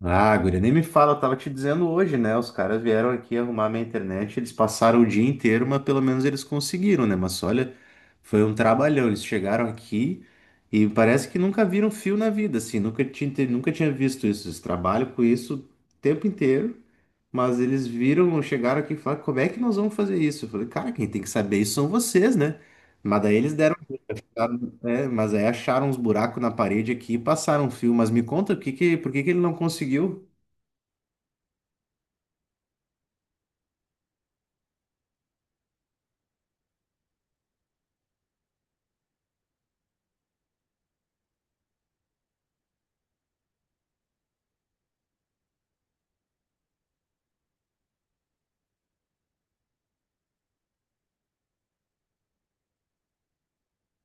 Ah, guria, nem me fala, eu tava te dizendo hoje, né? Os caras vieram aqui arrumar minha internet, eles passaram o dia inteiro, mas pelo menos eles conseguiram, né? Mas olha, foi um trabalhão. Eles chegaram aqui e parece que nunca viram fio na vida, assim, nunca tinha visto isso. Eles trabalham com isso o tempo inteiro, mas eles viram, chegaram aqui e falaram, como é que nós vamos fazer isso? Eu falei, cara, quem tem que saber isso são vocês, né? Mas daí eles deram, é, mas aí acharam uns buracos na parede aqui e passaram um fio. Mas me conta, por que que ele não conseguiu?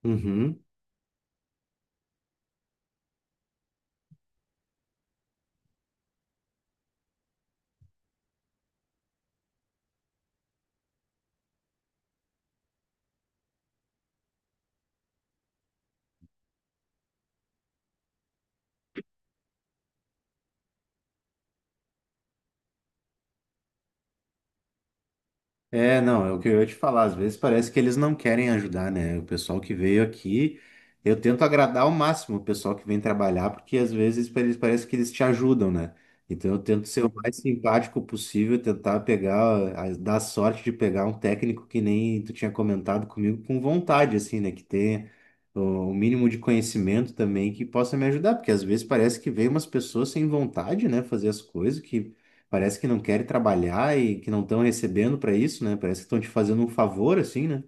Uhum. É, não, é o que eu ia te falar. Às vezes parece que eles não querem ajudar, né? O pessoal que veio aqui, eu tento agradar ao máximo o pessoal que vem trabalhar, porque às vezes pra eles parece que eles te ajudam, né? Então eu tento ser o mais simpático possível, tentar pegar, dar sorte de pegar um técnico que nem tu tinha comentado comigo, com vontade, assim, né? Que tenha o o mínimo de conhecimento também que possa me ajudar, porque às vezes parece que vem umas pessoas sem vontade, né? Fazer as coisas que parece que não querem trabalhar e que não estão recebendo para isso, né? Parece que estão te fazendo um favor, assim, né?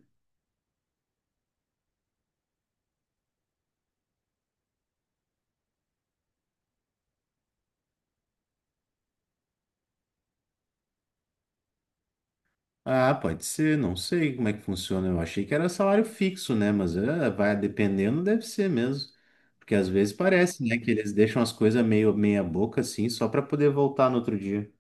Ah, pode ser, não sei como é que funciona. Eu achei que era salário fixo, né? Mas é, vai dependendo, deve ser mesmo. Porque às vezes parece, né, que eles deixam as coisas meio meia boca, assim, só para poder voltar no outro dia.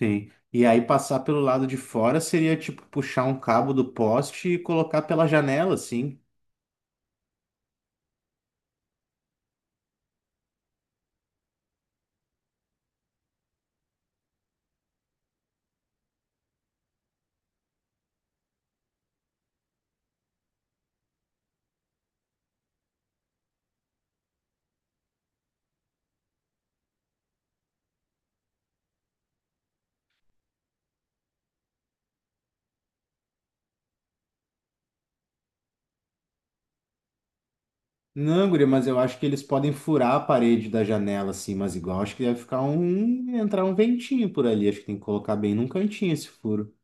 Sim. E aí passar pelo lado de fora seria tipo puxar um cabo do poste e colocar pela janela, assim. Não, guria, mas eu acho que eles podem furar a parede da janela, assim, mas igual acho que deve ficar entrar um ventinho por ali. Acho que tem que colocar bem num cantinho esse furo.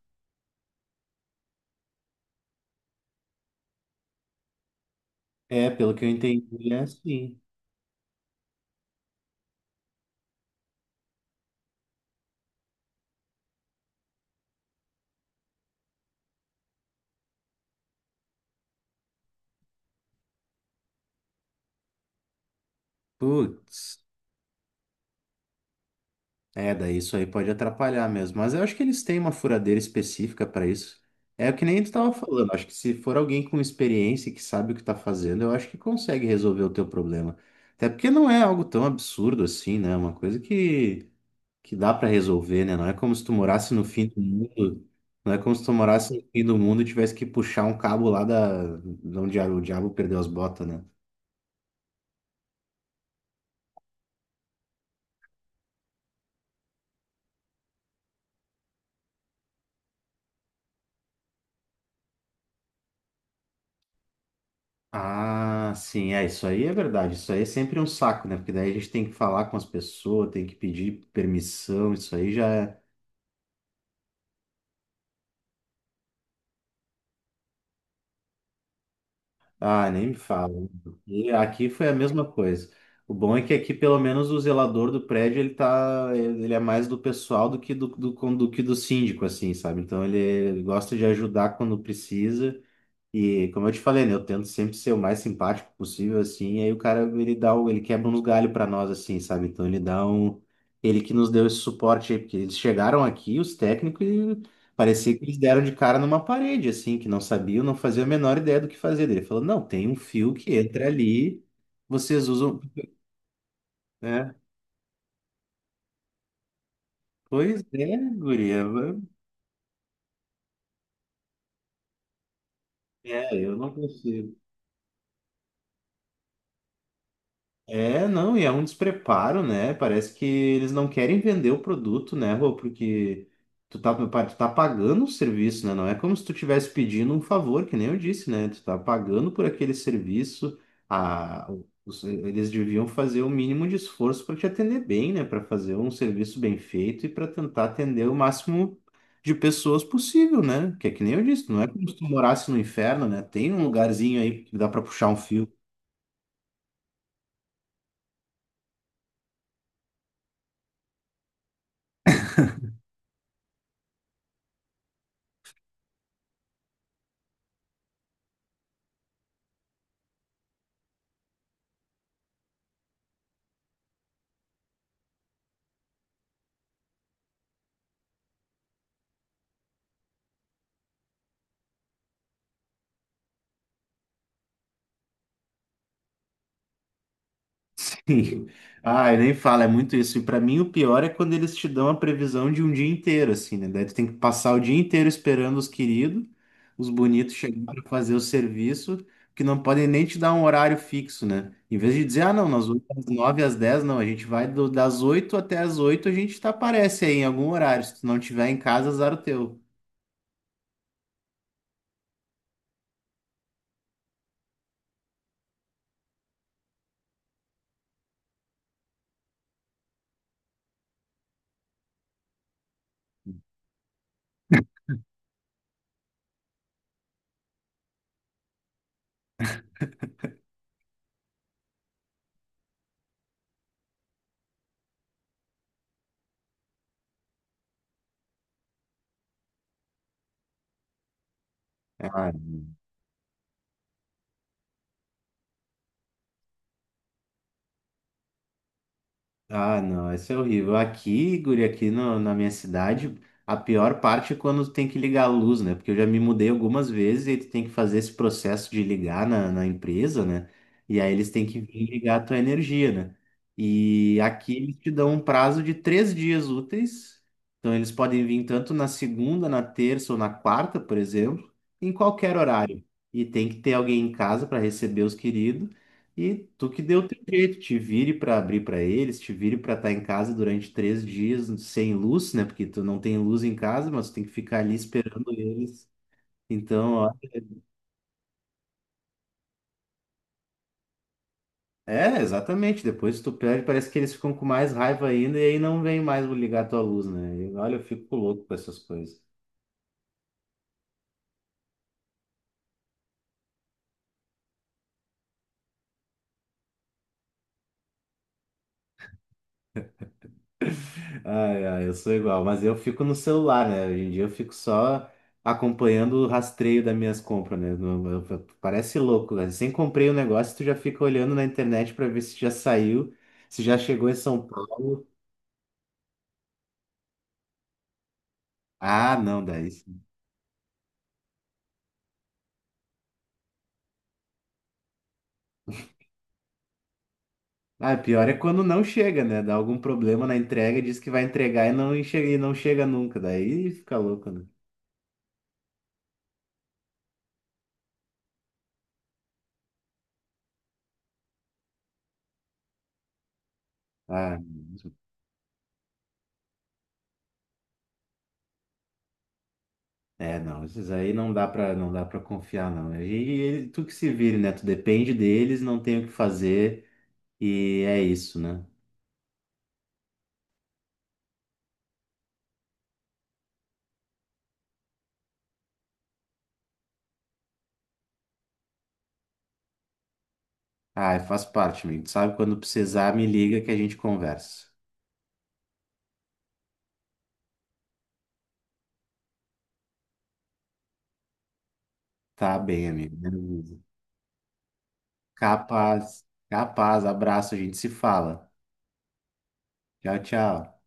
É, pelo que eu entendi, é assim. Putz, é, daí isso aí pode atrapalhar mesmo. Mas eu acho que eles têm uma furadeira específica para isso. É o que nem tu tava falando. Acho que se for alguém com experiência e que sabe o que tá fazendo, eu acho que consegue resolver o teu problema. Até porque não é algo tão absurdo assim, né? É uma coisa que. Que dá para resolver, né? Não é como se tu morasse no fim do mundo, não é como se tu morasse no fim do mundo e tivesse que puxar um cabo lá da, de onde o diabo perdeu as botas, né? Ah, sim, é, isso aí é verdade. Isso aí é sempre um saco, né? Porque daí a gente tem que falar com as pessoas, tem que pedir permissão, isso aí já é. Ah, nem me fala. E aqui foi a mesma coisa. O bom é que aqui, pelo menos, o zelador do prédio, ele é mais do pessoal do que do que do síndico, assim, sabe? Então, ele gosta de ajudar quando precisa. E como eu te falei, né, eu tento sempre ser o mais simpático possível, assim, e aí o cara, ele quebra uns galhos pra nós, assim, sabe? Então ele dá um, ele que nos deu esse suporte aí, porque eles chegaram aqui, os técnicos, e parecia que eles deram de cara numa parede, assim, que não sabiam, não faziam a menor ideia do que fazer. Daí ele falou, não, tem um fio que entra ali, vocês usam, né? Pois é, guria, é, eu não consigo. É, não, e é um despreparo, né? Parece que eles não querem vender o produto, né, Rô? Porque tu tá, tu tá pagando o serviço, né? Não é como se tu estivesse pedindo um favor, que nem eu disse, né? Tu tá pagando por aquele serviço, a, eles deviam fazer o mínimo de esforço para te atender bem, né? Para fazer um serviço bem feito e para tentar atender o máximo de pessoas possível, né? Que é que nem eu disse, não é como se tu morasse no inferno, né? Tem um lugarzinho aí que dá para puxar um fio. Ai, nem fala, é muito isso. E pra mim o pior é quando eles te dão a previsão de um dia inteiro, assim, né? Daí tu tem que passar o dia inteiro esperando os queridos, os bonitos chegar para fazer o serviço, que não podem nem te dar um horário fixo, né? Em vez de dizer, ah, não, nós vamos das 9h às 10h não, a gente vai das 8h até as 8h a gente tá, aparece aí em algum horário. Se tu não tiver em casa, azar o teu. Ah, ah, não, isso é horrível. Aqui, guri, aqui na minha cidade, a pior parte é quando tu tem que ligar a luz, né? Porque eu já me mudei algumas vezes e tu tem que fazer esse processo de ligar na empresa, né? E aí eles têm que vir ligar a tua energia, né? E aqui eles te dão um prazo de 3 dias úteis. Então eles podem vir tanto na segunda, na terça ou na quarta, por exemplo, em qualquer horário. E tem que ter alguém em casa para receber os queridos e tu que deu o teu jeito, te vire para abrir para eles, te vire para estar em casa durante 3 dias sem luz, né? Porque tu não tem luz em casa, mas tu tem que ficar ali esperando eles. Então, ó, é, exatamente. Depois tu pede, parece que eles ficam com mais raiva ainda e aí não vem mais ligar a tua luz, né? E, olha, eu fico louco com essas coisas. Ai, ai, eu sou igual, mas eu fico no celular, né? Hoje em dia eu fico só acompanhando o rastreio das minhas compras, né? Parece louco, né? Sem comprei o negócio, tu já fica olhando na internet para ver se já saiu, se já chegou em São Paulo. Ah, não, daí, sim. Ah, pior é quando não chega, né? Dá algum problema na entrega, diz que vai entregar e não, e não chega nunca, daí fica louco, né? Ah, é, não, esses aí não dá para confiar não. Tu que se vire, né? Tu depende deles, não tem o que fazer e é isso, né? Ah, faz parte, amigo. Tu sabe quando precisar, me liga que a gente conversa. Tá bem, amigo. Beleza. Capaz, capaz. Abraço, a gente se fala. Tchau, tchau.